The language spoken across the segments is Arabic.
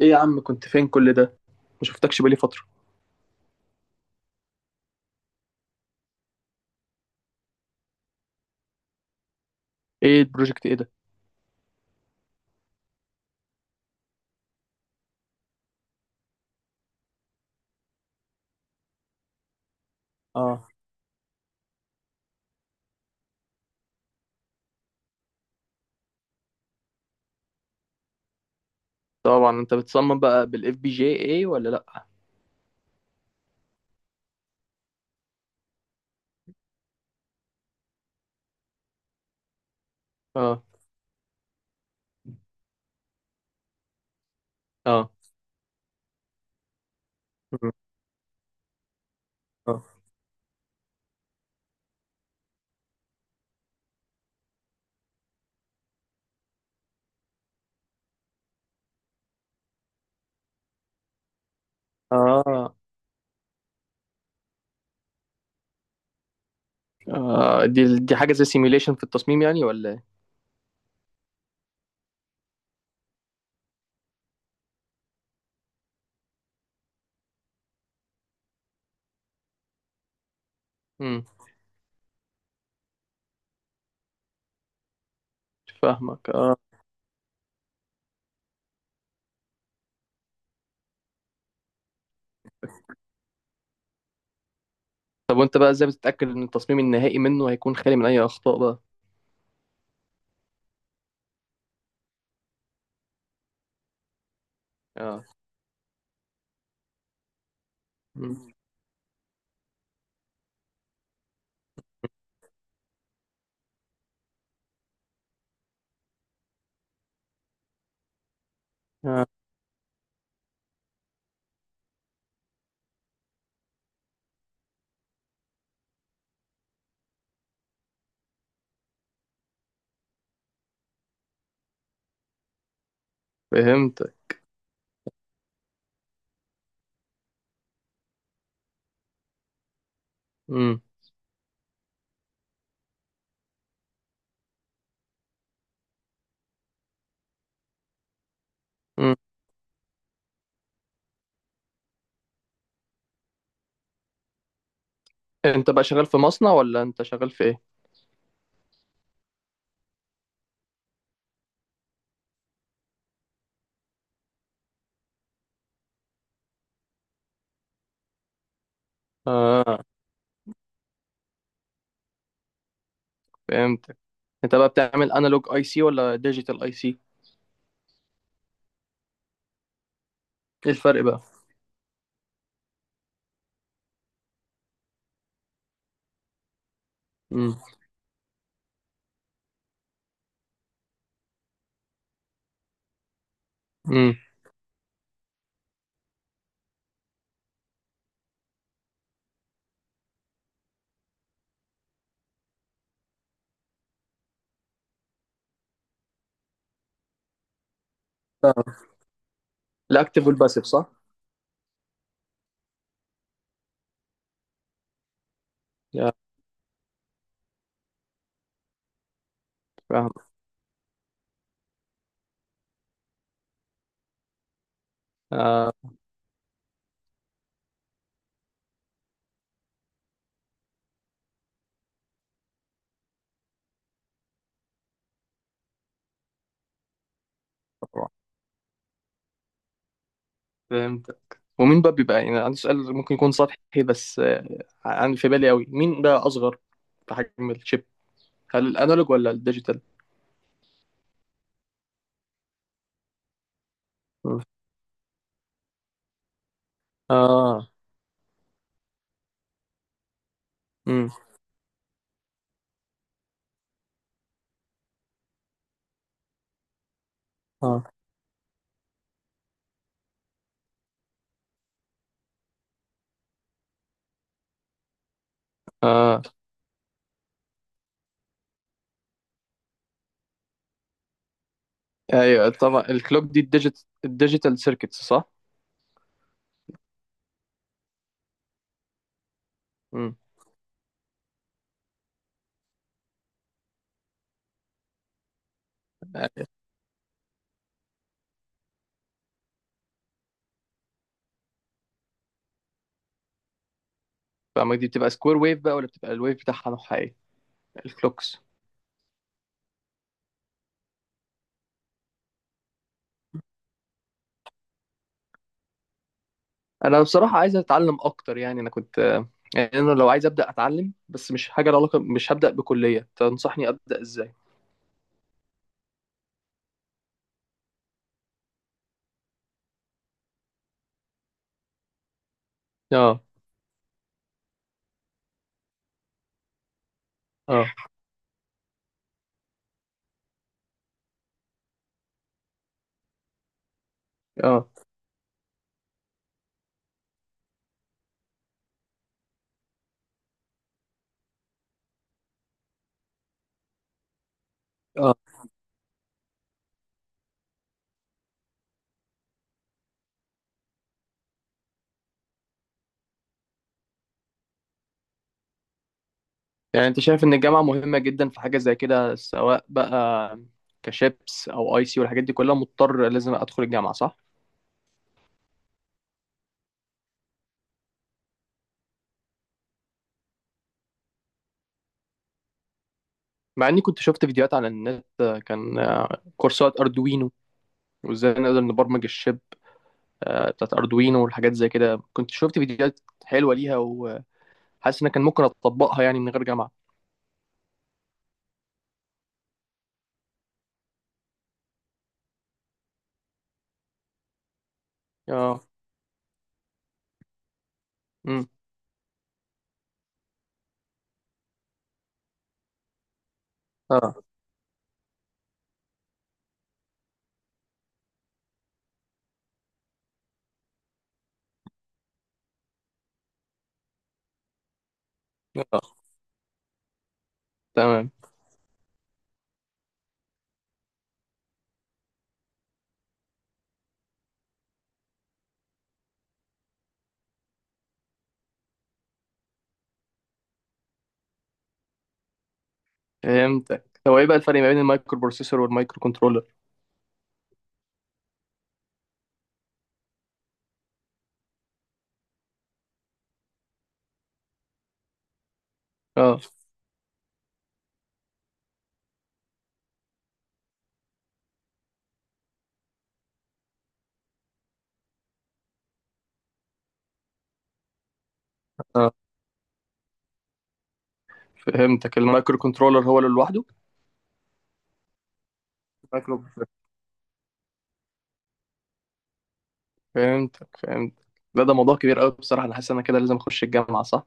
ايه يا عم، كنت فين كل ده؟ ما شفتكش بقالي فترة. ايه البروجكت ايه ده؟ اه، طبعا انت بتصمم بقى بالاف بي جي ايه ولا لا؟ اه. اه. مم. اه. اه. آه، دي حاجة زي سيميوليشن في التصميم يعني ولا ايه؟ امم. فاهمك، اه. طب وانت بقى ازاي بتتأكد ان التصميم النهائي منه هيكون خالي من اي اخطاء بقى؟ اه. مم. اه. فهمتك. امم. امم، انت بقى شغال في مصنع ولا انت شغال في ايه؟ اه، فهمتك. انت بقى بتعمل انالوج اي سي ولا ديجيتال اي سي؟ ايه الفرق بقى؟ امم. امم، الاكتف والباسيف صح؟ يا فاهم. آه. فهمتك. ومين بقى بيبقى، يعني عندي سؤال ممكن يكون سطحي بس عن في بالي قوي، مين بقى اصغر في حجم الشيب، هل الانالوج ولا الديجيتال؟ مم. اه. امم. اه. اه. ايوه طبعا، الكلوك دي الديجيت الديجيتال سيركتس صح؟ امم، فما دي بتبقى سكوير ويف بقى ولا بتبقى الويف بتاعها نوعها ايه، الكلوكس؟ انا بصراحة عايز اتعلم اكتر، يعني انا كنت يعني انا لو عايز ابدا اتعلم بس مش حاجة لها علاقة، مش هبدا بكلية، تنصحني ابدا ازاي؟ اه. اه. اه. اه. يعني انت شايف ان الجامعة مهمة جدا في حاجة زي كده، سواء بقى كشيبس او اي سي والحاجات دي كلها، مضطر لازم ادخل الجامعة صح؟ مع اني كنت شفت فيديوهات على النت، كان كورسات اردوينو، وازاي نقدر نبرمج الشيب بتاعت اردوينو والحاجات زي كده، كنت شفت فيديوهات حلوة ليها وحاسس ان كان ممكن اطبقها يعني من غير جامعة. اه. امم. اه. اه. تمام. فهمتك. هو ايه بقى الفرق ما بين المايكرو بروسيسور والمايكرو كنترولر؟ اه. اه، فهمتك، المايكرو كنترولر هو اللي لوحده. المايكرو، فهمتك. فهمت. لا ده موضوع كبير قوي بصراحة، أنا حاسس إن أنا كده لازم أخش الجامعة صح.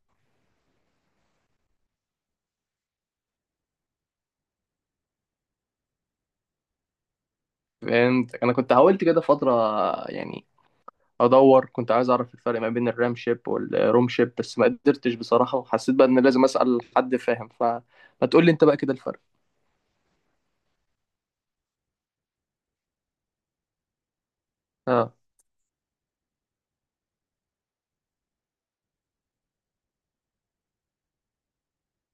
فهمتك. أنا كنت حاولت كده فترة، يعني أدور، كنت عايز أعرف الفرق ما بين الرام شيب والروم شيب بس ما قدرتش بصراحة، وحسيت بقى إن لازم أسأل حد فاهم، فما تقول لي أنت بقى كده الفرق. أه.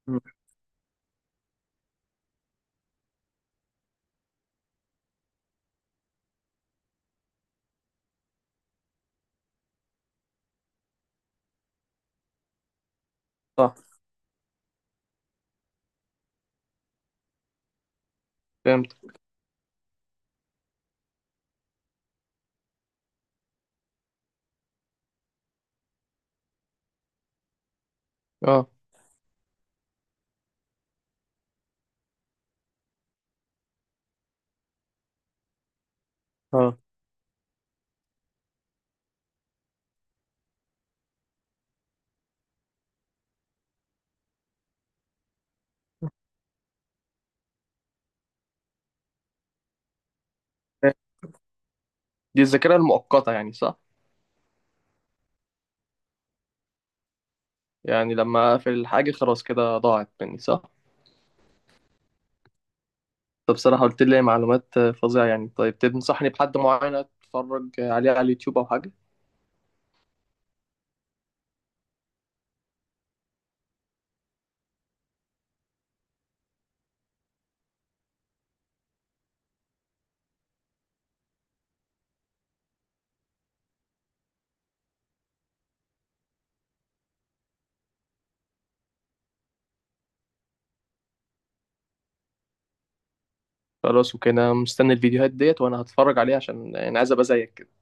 أمم. صح. فهمت. أه. أه، دي الذاكرة المؤقتة يعني صح؟ يعني لما أقفل الحاجة خلاص كده ضاعت مني صح؟ طب بصراحة قلت لي معلومات فظيعة يعني. طيب تنصحني بحد معين أتفرج عليه على اليوتيوب أو حاجة؟ خلاص، وكده مستني الفيديوهات ديت وانا هتفرج عليها، عشان يعني عايز ابقى زيك كده.